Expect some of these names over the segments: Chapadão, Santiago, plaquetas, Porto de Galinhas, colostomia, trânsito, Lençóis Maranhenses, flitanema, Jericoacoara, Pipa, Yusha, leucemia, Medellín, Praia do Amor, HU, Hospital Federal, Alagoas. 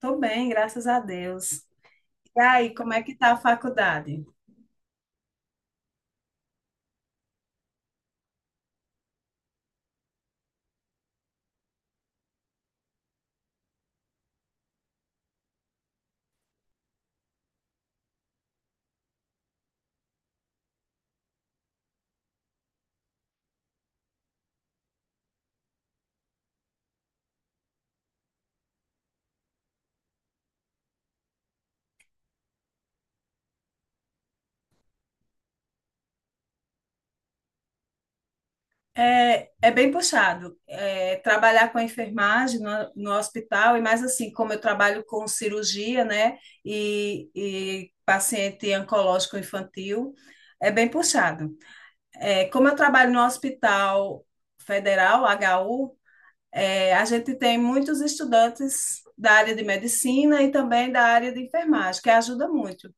Tô bem, graças a Deus. E aí, como é que tá a faculdade? É bem puxado. Trabalhar com a enfermagem no hospital, e mais assim, como eu trabalho com cirurgia, né, e paciente oncológico infantil, é bem puxado. Como eu trabalho no Hospital Federal, HU, a gente tem muitos estudantes da área de medicina e também da área de enfermagem, que ajuda muito.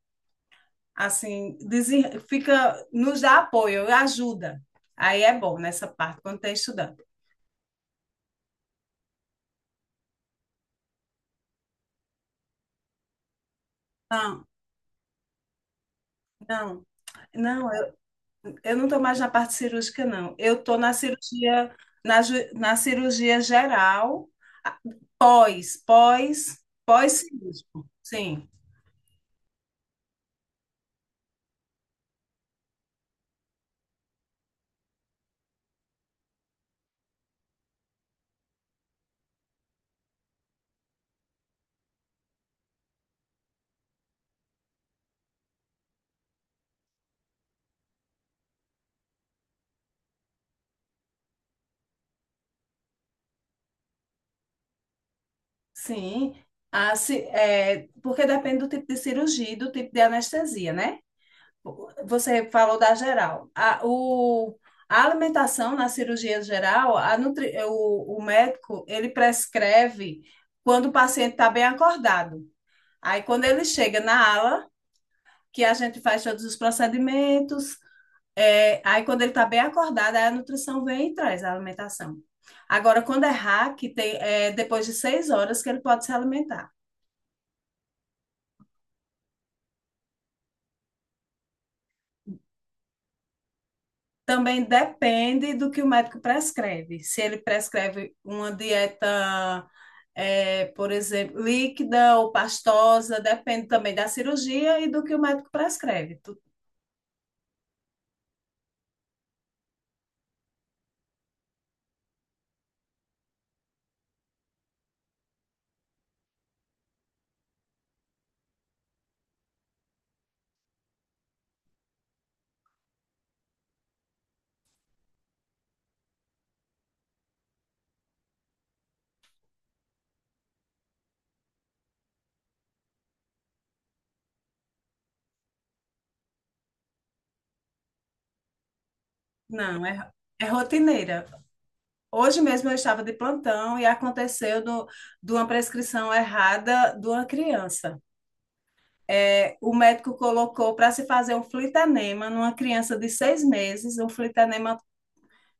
Assim, fica, nos dá apoio, ajuda. Aí é bom nessa parte, quando tem estudante. Não, não, não, eu não estou mais na parte cirúrgica, não. Eu estou na cirurgia, na cirurgia geral, a- pós, pós, pós-cirúrgico. Sim. Sim, porque depende do tipo de cirurgia e do tipo de anestesia, né? Você falou da geral. A alimentação na cirurgia geral, o médico, ele prescreve quando o paciente está bem acordado. Aí, quando ele chega na ala, que a gente faz todos os procedimentos, aí, quando ele está bem acordado, aí a nutrição vem e traz a alimentação. Agora, quando é hack, tem, é depois de 6 horas que ele pode se alimentar. Também depende do que o médico prescreve. Se ele prescreve uma dieta, por exemplo, líquida ou pastosa, depende também da cirurgia e do que o médico prescreve. Não, é rotineira. Hoje mesmo eu estava de plantão e aconteceu de uma prescrição errada de uma criança. O médico colocou para se fazer um flitanema numa criança de 6 meses, um flitanema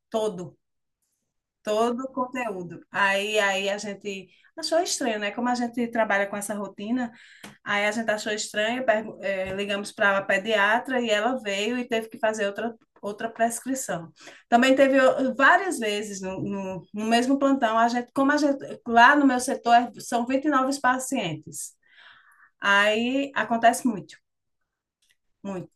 todo Todo o conteúdo. Aí a gente achou estranho, né? Como a gente trabalha com essa rotina, aí a gente achou estranho, ligamos para a pediatra e ela veio e teve que fazer outra prescrição. Também teve várias vezes no mesmo plantão, a gente, como a gente, lá no meu setor são 29 pacientes. Aí acontece muito, muito.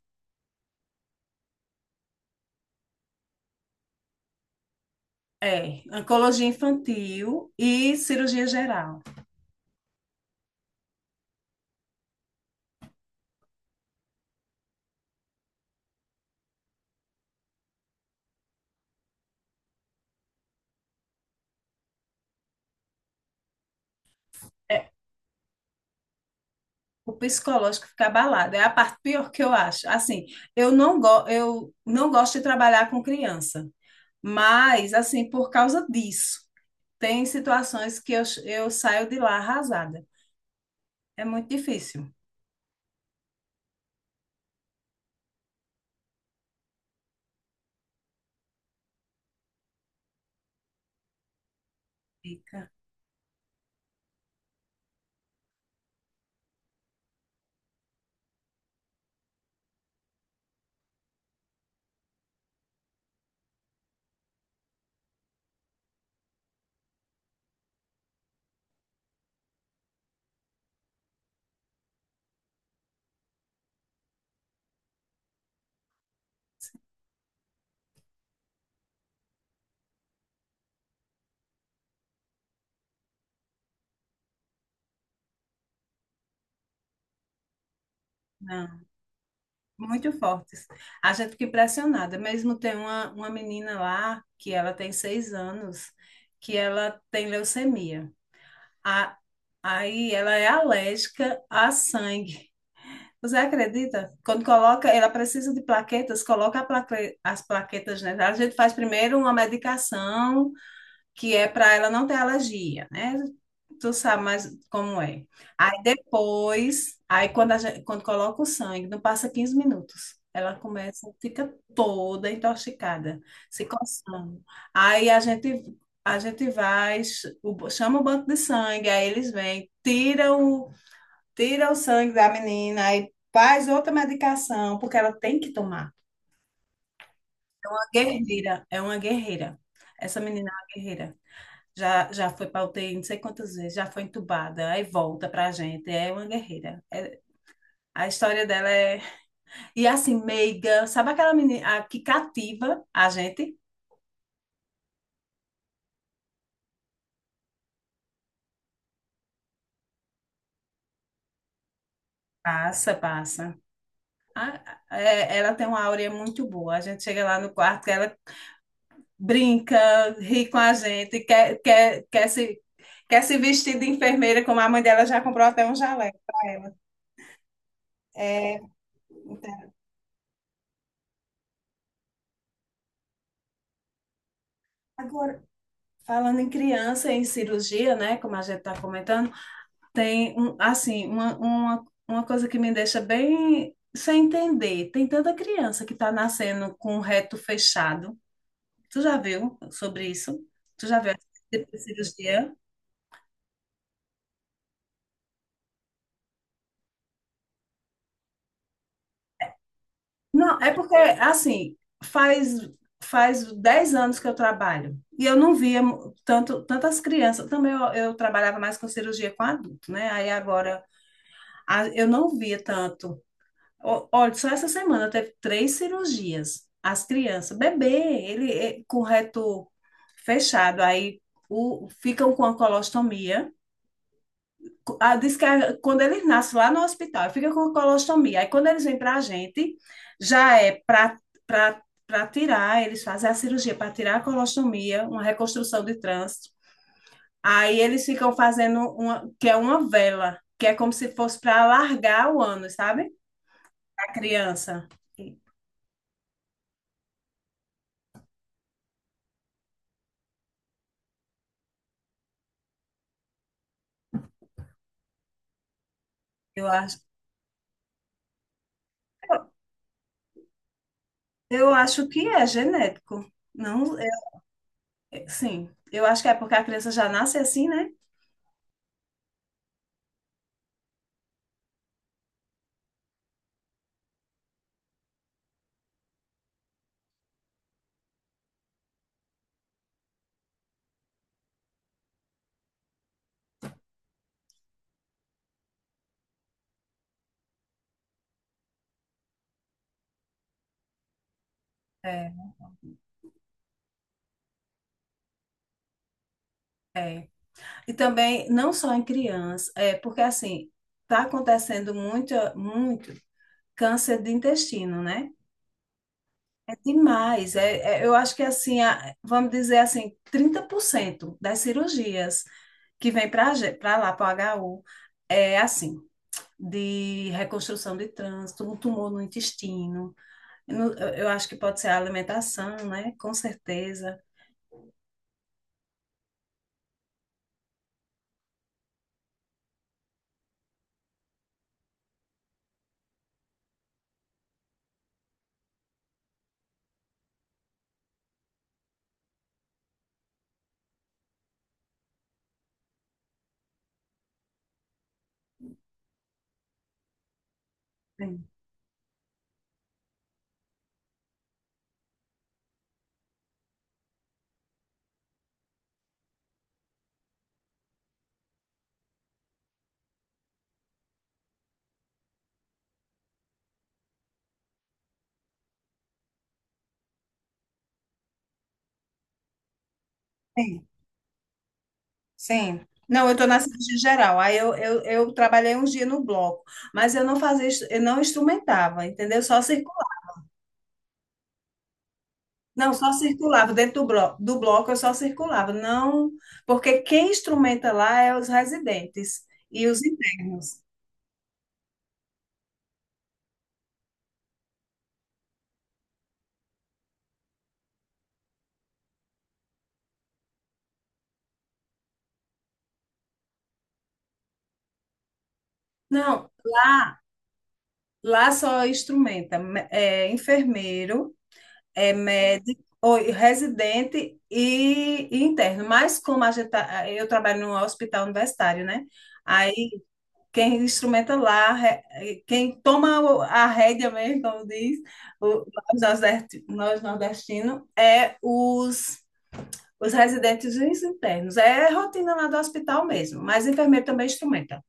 É, oncologia infantil e cirurgia geral. É, O psicológico fica abalado. É a parte pior que eu acho. Assim, eu não gosto de trabalhar com criança, mas, assim, por causa disso, tem situações que eu saio de lá arrasada. É muito difícil. Fica, não, muito fortes. A gente fica impressionada. Mesmo tem uma menina lá, que ela tem 6 anos, que ela tem leucemia. A, Aí ela é alérgica a sangue. Você acredita? Quando coloca, ela precisa de plaquetas, coloca as plaquetas, né? A gente faz primeiro uma medicação que é para ela não ter alergia, né? Tu sabe mais como é. Aí depois, aí quando, a gente, quando coloca o sangue, não passa 15 minutos. Ela começa, fica toda intoxicada, se coçando. Aí a gente vai, chama o banco de sangue, aí eles vêm, tira o sangue da menina, aí faz outra medicação, porque ela tem que tomar. É uma guerreira, é uma guerreira. Essa menina é uma guerreira. Já foi para UTI não sei quantas vezes, já foi entubada, aí volta pra gente. É uma guerreira. A história dela é. E assim, meiga, sabe aquela menina a que cativa a gente? Passa, passa. Ela tem uma áurea muito boa. A gente chega lá no quarto, ela brinca, ri com a gente, quer se vestir de enfermeira, como a mãe dela já comprou até um jaleco para ela. É, então, agora, falando em criança, em cirurgia, né, como a gente está comentando, tem assim, uma coisa que me deixa bem sem entender. Tem tanta criança que está nascendo com o reto fechado. Tu já viu sobre isso? Tu já viu esse tipo de cirurgia? Não, é porque, assim, faz faz 10 anos que eu trabalho e eu não via mu- tanto tantas crianças. Também eu trabalhava mais com cirurgia com adulto, né? Aí agora eu não via tanto. Olha, só essa semana teve 3 cirurgias. As crianças, bebê, ele é com reto fechado, aí ficam com a colostomia, diz que quando eles nascem lá no hospital, fica com colostomia. Aí quando eles vêm para a gente, já é para tirar, eles fazem a cirurgia para tirar a colostomia, uma reconstrução de trânsito. Aí eles ficam fazendo uma, que é uma vela, que é como se fosse para alargar o ano, sabe? A criança. Eu acho, eu acho que é genético. Não, sim, eu acho que é porque a criança já nasce assim, né? É, é. E também, não só em criança, é porque assim, tá acontecendo muito, muito câncer de intestino, né? É demais. Eu acho que assim, vamos dizer assim, 30% das cirurgias que vem para lá, para o HU, é assim. De reconstrução de trânsito, um tumor no intestino. Eu acho que pode ser a alimentação, né? Com certeza. Sim, sim. Sim. Não, eu estou na cirurgia geral. Aí eu trabalhei uns dias no bloco, mas eu não instrumentava, entendeu? Só circulava. Não, só circulava. Dentro do bloco eu só circulava. Não, porque quem instrumenta lá é os residentes e os internos. Não, lá só instrumenta enfermeiro, é médico, ou residente e interno. Mas como eu trabalho no hospital universitário, né? Aí quem instrumenta lá, quem toma a rédea mesmo, como diz, o- nós nordestinos, é os residentes e os internos. É rotina lá do hospital mesmo, mas o enfermeiro também instrumenta.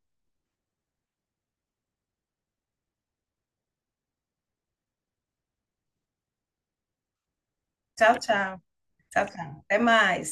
Tchau, tchau. Tchau, tchau. Até mais.